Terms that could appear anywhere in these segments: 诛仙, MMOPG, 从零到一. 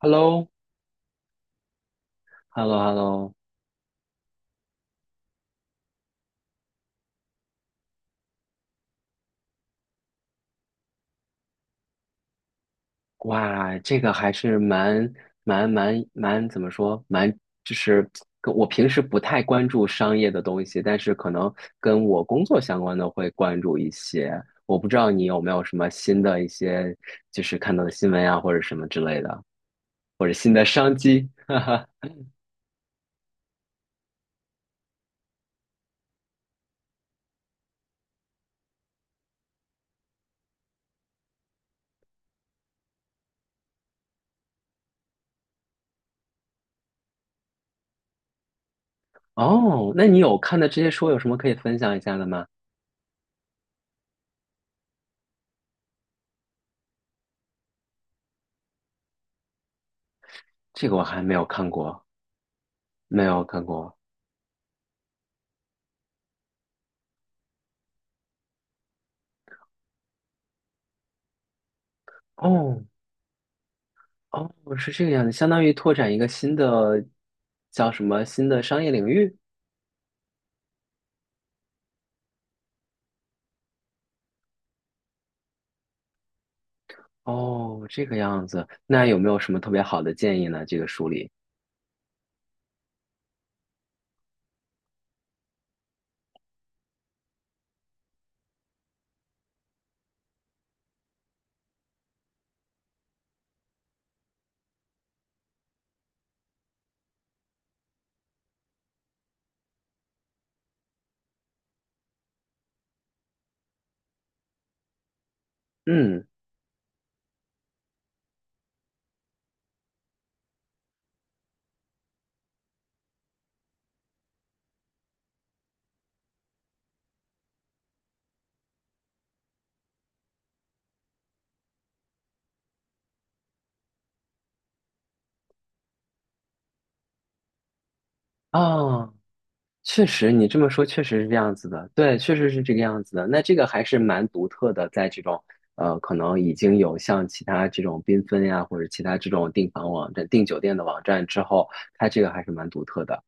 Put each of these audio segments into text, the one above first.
h e l l o h e l l o h e l l o 哇，这个还是蛮怎么说？蛮就是跟我平时不太关注商业的东西，但是可能跟我工作相关的会关注一些。我不知道你有没有什么新的一些，就是看到的新闻呀，或者什么之类的。哦，那你有看的这些书有什么可以分享一下的吗？这个我还没有看过，没有看过。哦，哦，是这个样子，相当于拓展一个新的叫什么新的商业领域。哦，这个样子，那有没有什么特别好的建议呢？这个书里，嗯，啊，确实，你这么说确实是这样子的，对，确实是这个样子的。那这个还是蛮独特的，在这种可能已经有像其他这种缤纷呀，或者其他这种订房网站、订酒店的网站之后，它这个还是蛮独特的。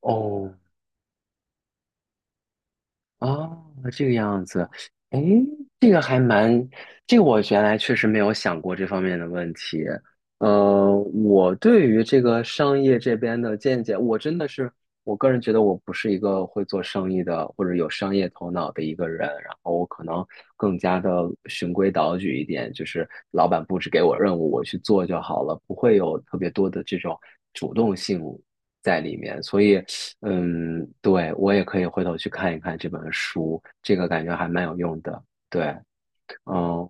哦，哦，这个样子，哎，这个还蛮，这个我原来确实没有想过这方面的问题。我对于这个商业这边的见解，我真的是，我个人觉得我不是一个会做生意的或者有商业头脑的一个人，然后我可能更加的循规蹈矩一点，就是老板布置给我任务，我去做就好了，不会有特别多的这种主动性在里面，所以。嗯，对，我也可以回头去看一看这本书，这个感觉还蛮有用的。对，嗯。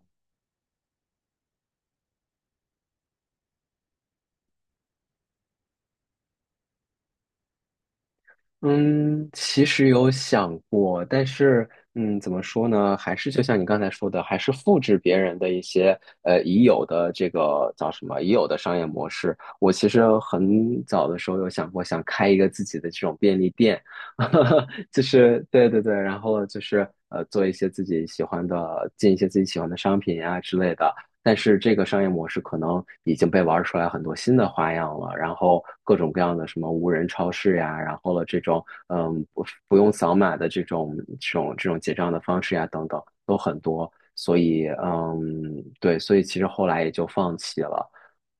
嗯，其实有想过，但是嗯，怎么说呢？还是就像你刚才说的，还是复制别人的一些已有的这个叫什么已有的商业模式。我其实很早的时候有想过，想开一个自己的这种便利店，就是对对对，然后就是做一些自己喜欢的，进一些自己喜欢的商品呀、之类的。但是这个商业模式可能已经被玩出来很多新的花样了，然后各种各样的什么无人超市呀，然后了这种嗯不用扫码的这种结账的方式呀等等都很多，所以嗯对，所以其实后来也就放弃了，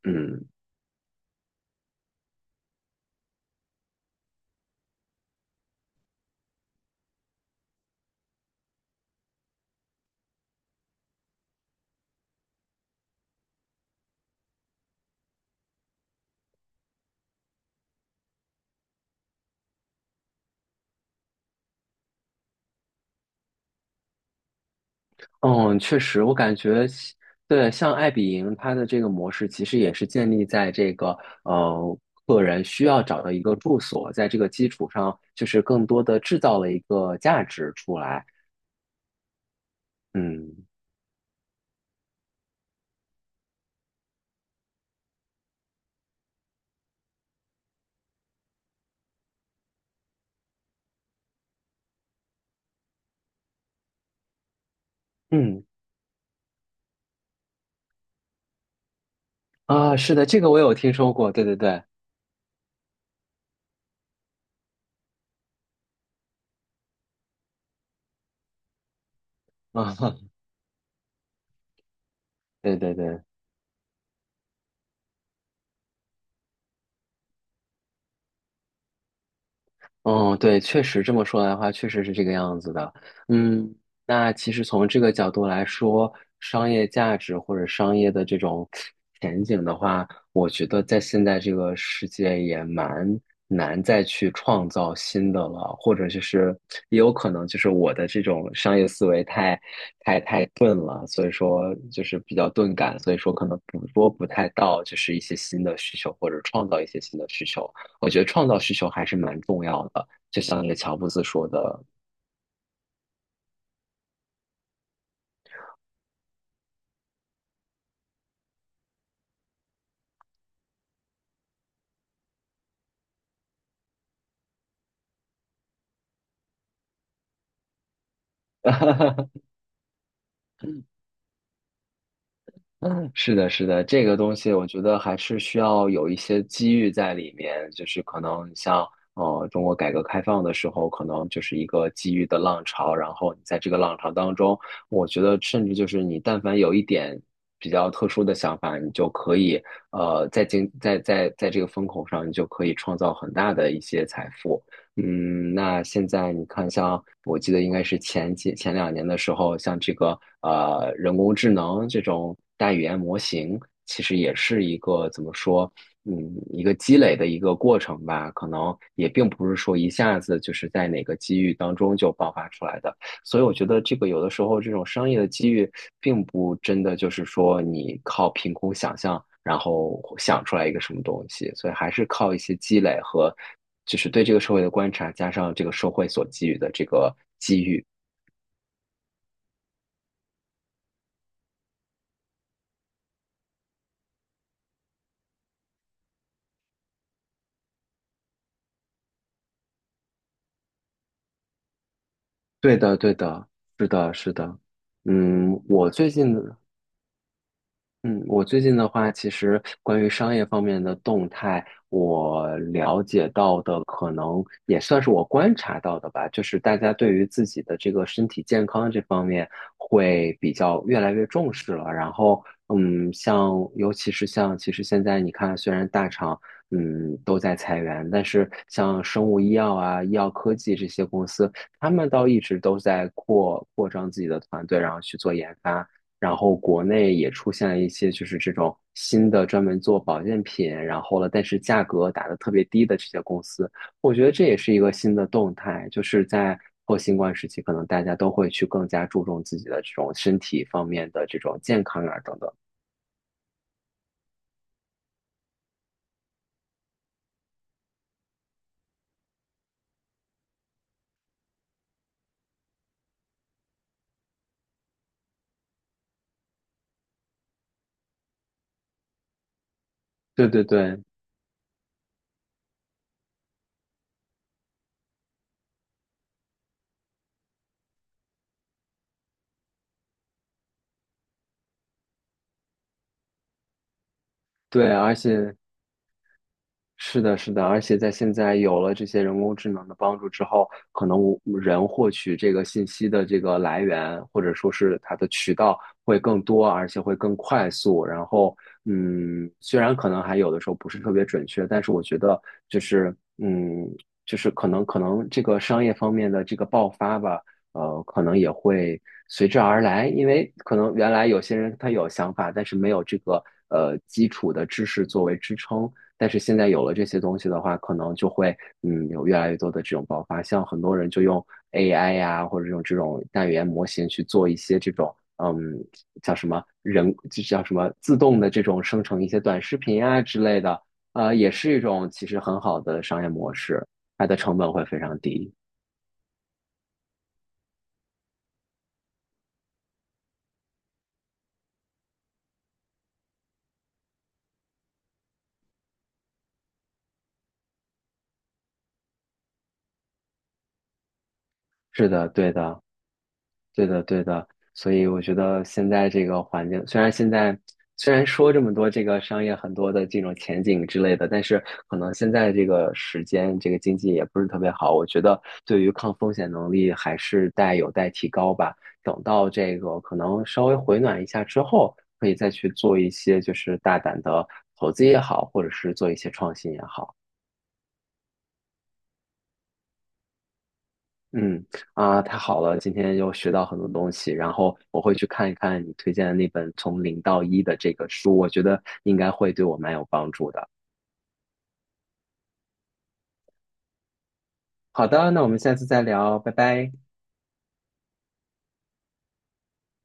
嗯。嗯，确实，我感觉西对，像爱彼迎它的这个模式，其实也是建立在这个呃个人需要找到一个住所，在这个基础上，就是更多的制造了一个价值出来。嗯。嗯。啊，是的，这个我有听说过，对对对。啊，对对对。嗯，对，确实这么说来的话，确实是这个样子的。嗯，那其实从这个角度来说，商业价值或者商业的这种前景的话，我觉得在现在这个世界也蛮难再去创造新的了，或者就是也有可能就是我的这种商业思维太钝了，所以说就是比较钝感，所以说可能捕捉不太到就是一些新的需求或者创造一些新的需求。我觉得创造需求还是蛮重要的，就像那个乔布斯说的，是的，是的，这个东西我觉得还是需要有一些机遇在里面，就是可能像中国改革开放的时候，可能就是一个机遇的浪潮，然后你在这个浪潮当中，我觉得甚至就是你但凡有一点比较特殊的想法，你就可以呃在经在在在这个风口上，你就可以创造很大的一些财富。嗯，那现在你看，像我记得应该是前两年的时候，像这个人工智能这种大语言模型，其实也是一个怎么说，嗯，一个积累的一个过程吧。可能也并不是说一下子就是在哪个机遇当中就爆发出来的。所以我觉得这个有的时候这种商业的机遇，并不真的就是说你靠凭空想象，然后想出来一个什么东西，所以还是靠一些积累和就是对这个社会的观察，加上这个社会所给予的这个机遇。对的，对的，是的，是的。嗯，我最近嗯，我最近的话，其实关于商业方面的动态，我了解到的可能也算是我观察到的吧，就是大家对于自己的这个身体健康这方面会比较越来越重视了。然后，嗯，像尤其是像，其实现在你看，虽然大厂嗯都在裁员，但是像生物医药啊、医药科技这些公司，他们倒一直都在扩张自己的团队，然后去做研发。然后国内也出现了一些就是这种新的专门做保健品，然后了，但是价格打的特别低的这些公司，我觉得这也是一个新的动态，就是在后新冠时期，可能大家都会去更加注重自己的这种身体方面的这种健康啊等等。对对对对，而且是的，是的，而且在现在有了这些人工智能的帮助之后，可能我人获取这个信息的这个来源，或者说是它的渠道会更多，而且会更快速。然后，嗯，虽然可能还有的时候不是特别准确，但是我觉得就是，嗯，就是可能这个商业方面的这个爆发吧，可能也会随之而来，因为可能原来有些人他有想法，但是没有这个基础的知识作为支撑。但是现在有了这些东西的话，可能就会嗯有越来越多的这种爆发，像很多人就用 AI 呀、或者用这种大语言模型去做一些这种嗯叫什么人就叫什么自动的这种生成一些短视频啊之类的，也是一种其实很好的商业模式，它的成本会非常低。是的，对的。对的，对的，所以我觉得现在这个环境，虽然现在虽然说这么多这个商业很多的这种前景之类的，但是可能现在这个时间，这个经济也不是特别好。我觉得对于抗风险能力还是有待提高吧。等到这个可能稍微回暖一下之后，可以再去做一些就是大胆的投资也好，或者是做一些创新也好。嗯。啊，太好了，今天又学到很多东西，然后我会去看一看你推荐的那本《从零到一》的这个书，我觉得应该会对我蛮有帮助的。好的，那我们下次再聊，拜拜。